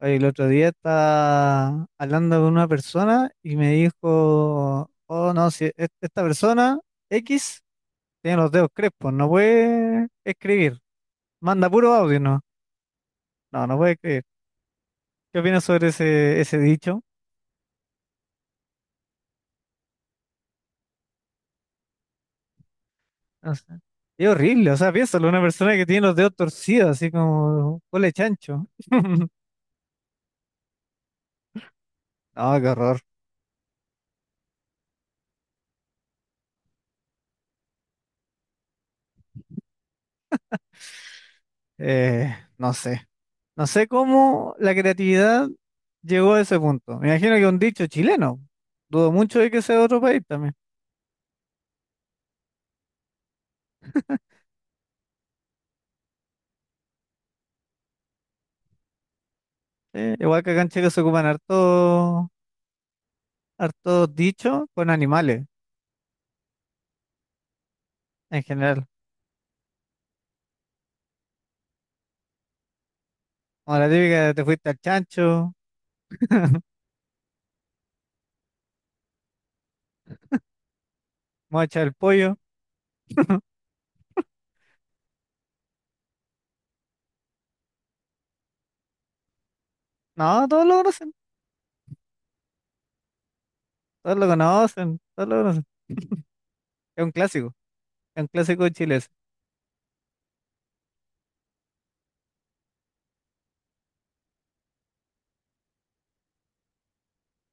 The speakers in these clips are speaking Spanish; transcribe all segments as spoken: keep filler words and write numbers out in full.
Oye, el otro día estaba hablando con una persona y me dijo, oh no, si es- esta persona X tiene los dedos crespos, no puede escribir, manda puro audio, no, no, no puede escribir. ¿Qué opinas sobre ese, ese dicho? No sé. Es horrible, o sea, piénsalo, una persona que tiene los dedos torcidos, así como cole chancho. No, qué horror. Eh, no sé. No sé cómo la creatividad llegó a ese punto. Me imagino que un dicho chileno. Dudo mucho de que sea de otro país también. Eh, igual que acá en Chile se ocupan harto, hartos dichos con animales en general. Como la típica de te fuiste al chancho, mocha el pollo. No, todos lo conocen, todos lo conocen, todos lo conocen. Es un clásico, es un clásico chileno.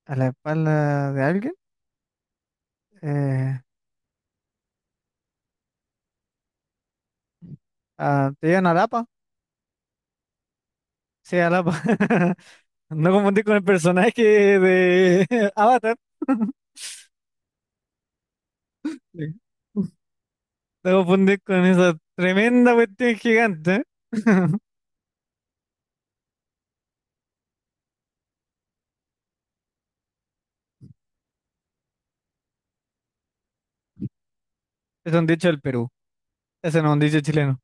A la espalda de alguien, eh, ah, te llevan a Lapa, sí, a Lapa. No confundir con el personaje de Avatar. Sí. No confundir con esa tremenda cuestión gigante. Es un dicho del Perú. Ese no es un dicho chileno,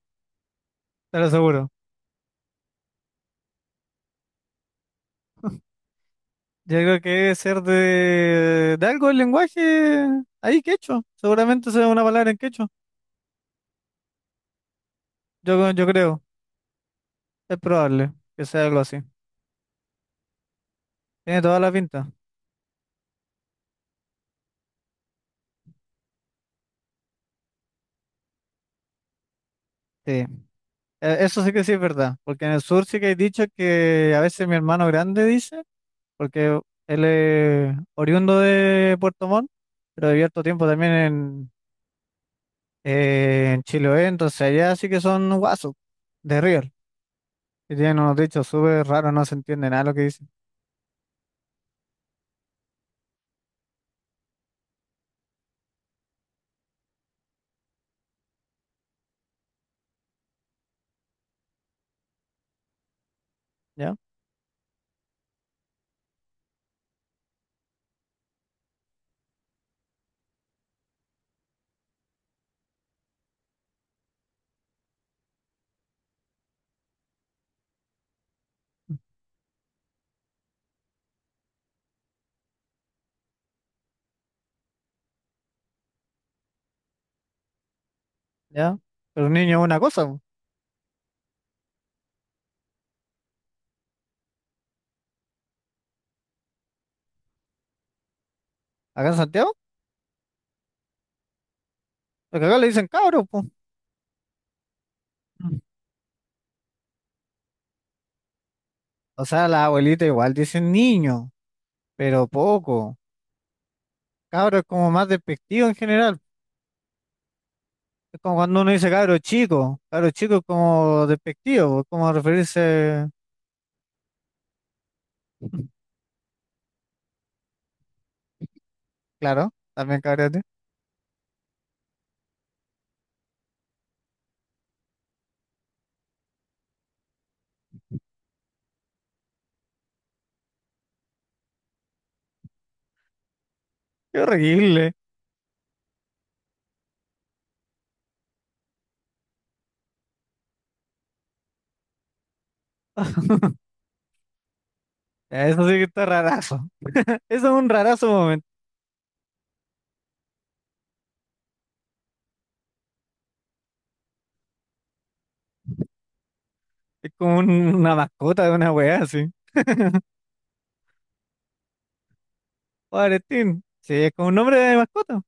te lo aseguro. Yo creo que debe ser de, de algo del lenguaje ahí quechua. Seguramente sea una palabra en quechua. Yo, yo creo. Es probable que sea algo así. Tiene toda la pinta. Sí. Eh, Eso sí que sí es verdad. Porque en el sur sí que hay dicho que a veces mi hermano grande dice. Porque él es oriundo de Puerto Montt, pero vivió harto tiempo también en, eh, en Chiloé, entonces allá sí que son guasos de River, que tienen unos dichos súper raros, no se entiende nada lo que dicen. ¿Ya? ¿Ya? Pero un niño es una cosa, po. Acá en Santiago, porque acá le dicen cabros, po. Mm. O sea, la abuelita igual dicen niño, pero poco. Cabro es como más despectivo en general. Es como cuando uno dice cabro chico. Cabro chico es como despectivo, es como referirse, claro, también cabro. Qué horrible. Eso sí que está rarazo. Eso es un rarazo momento. Es como un- una mascota de una weá así. Pobretín. Sí, es como un nombre de mascota.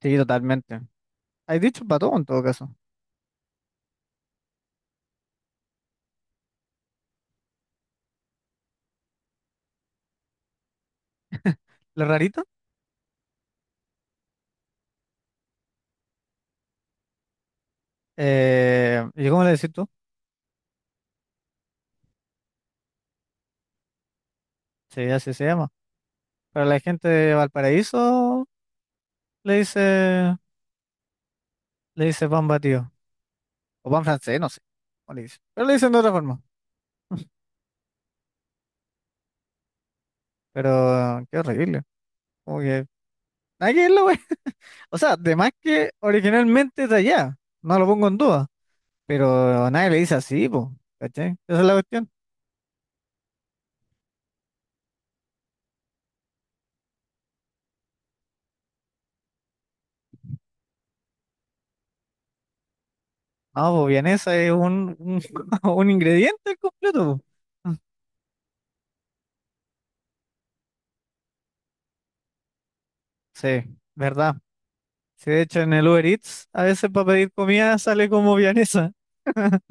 Sí, totalmente. Hay dicho para todo en todo caso. Lo rarito. Eh, ¿y cómo le decís tú? Sí, así se llama. Pero la gente de Valparaíso le dice, le dice pan batido. O pan francés, no sé cómo le dicen. Pero le dicen de otra forma. Pero qué horrible. Como que. Nada que ver la. O sea, de más que originalmente es de allá. No lo pongo en duda. Pero nadie le dice así, pues, ¿cachai? Esa es la cuestión. No, pues bien, es un, un, un ingrediente completo, po. Sí, verdad. Sí, de hecho en el Uber Eats a veces para pedir comida sale como vienesa.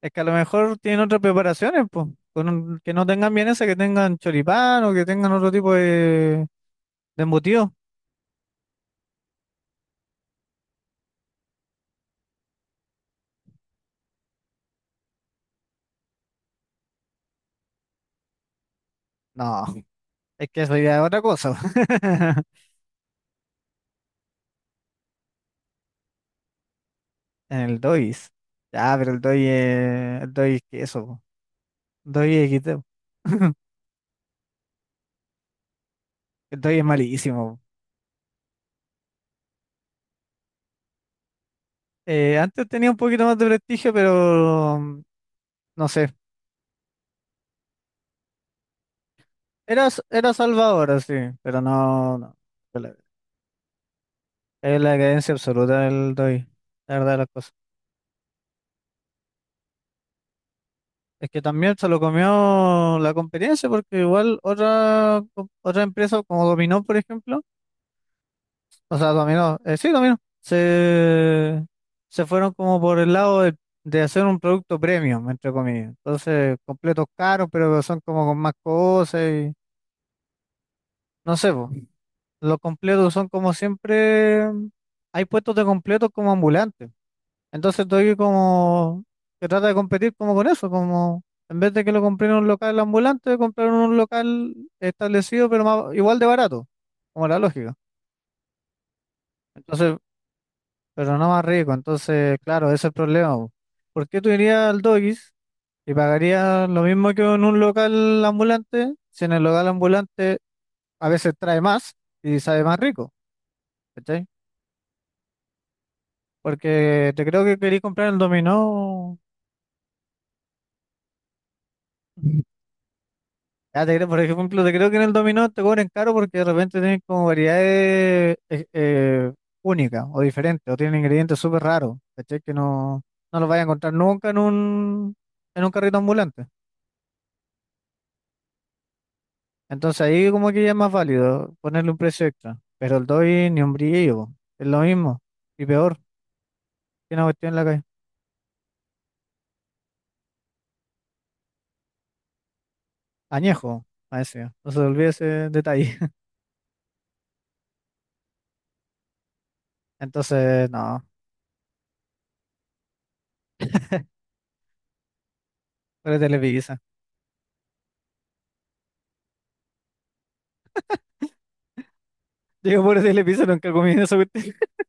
Es que a lo mejor tienen otras preparaciones, pues, con un- que no tengan vienesa, que tengan choripán o que tengan otro tipo de, de embutido. No, es que eso ya es otra cosa, po. En el Dois. Ya, pero el Dois es, el Dois es queso, po. Dois es equiteo. El entonces es malísimo. Eh, antes tenía un poquito más de prestigio, pero mm, no sé. Era, s- era salvador, sí, pero no, no. Es la, es la decadencia absoluta del Doi, la verdad de las cosas. Es que también se lo comió la competencia, porque igual otra, co- otra empresa como Dominó, por ejemplo, o sea, Dominó, eh, sí, Dominó, se, se fueron como por el lado de, de hacer un producto premium, entre comillas. Entonces, completos caros, pero son como con más cosas y no sé, po. Los completos son como siempre, hay puestos de completos como ambulantes. Entonces tú como que trata de competir como con eso, como en vez de que lo compré en un local ambulante, comprar en un local establecido pero más- igual de barato, como la lógica. Entonces, pero no más rico. Entonces, claro, ese es el problema, po. ¿Por qué tú irías al Doggies y pagarías lo mismo que en un local ambulante si en el local ambulante a veces trae más y sabe más rico? Porque te creo que quería comprar el dominó. Ya te creo, por ejemplo, te creo que en el dominó te cobran caro porque de repente tienen como variedades eh, eh, únicas o diferentes, o tienen ingredientes súper raros, ¿cachai? Que no, no los vas a encontrar nunca en un, en un carrito ambulante. Entonces ahí como que ya es más válido ponerle un precio extra. Pero el doy ni un brillo, po, es lo mismo. Y peor, tiene una cuestión en la calle. Añejo, a ese, no se olvide ese detalle. Entonces, no, pero digo, por el episodio nunca comí esa cuestión.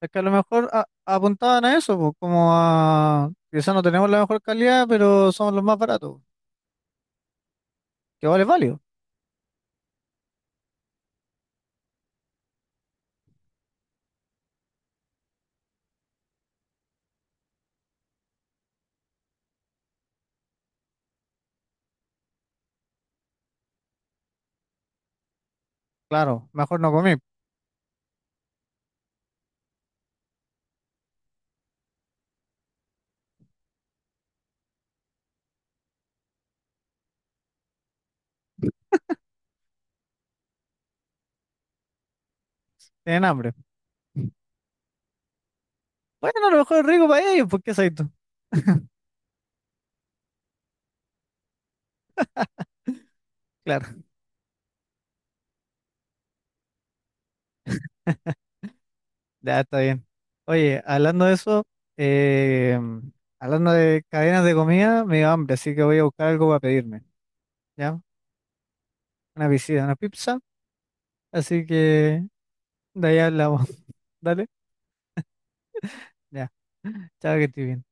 Es que a lo mejor a- apuntaban a eso, pues, como a quizás no tenemos la mejor calidad, pero somos los más baratos, que vale válido. Claro, mejor no comí tienen hambre. Bueno, a lo mejor es rico para ellos, porque soy tú. Claro, ya está bien. Oye, hablando de eso, eh, hablando de cadenas de comida, me dio hambre, así que voy a buscar algo para pedirme, ¿ya? Una pizza una pizza, así que de ahí hablamos. Dale, ya. Chao, que estés bien.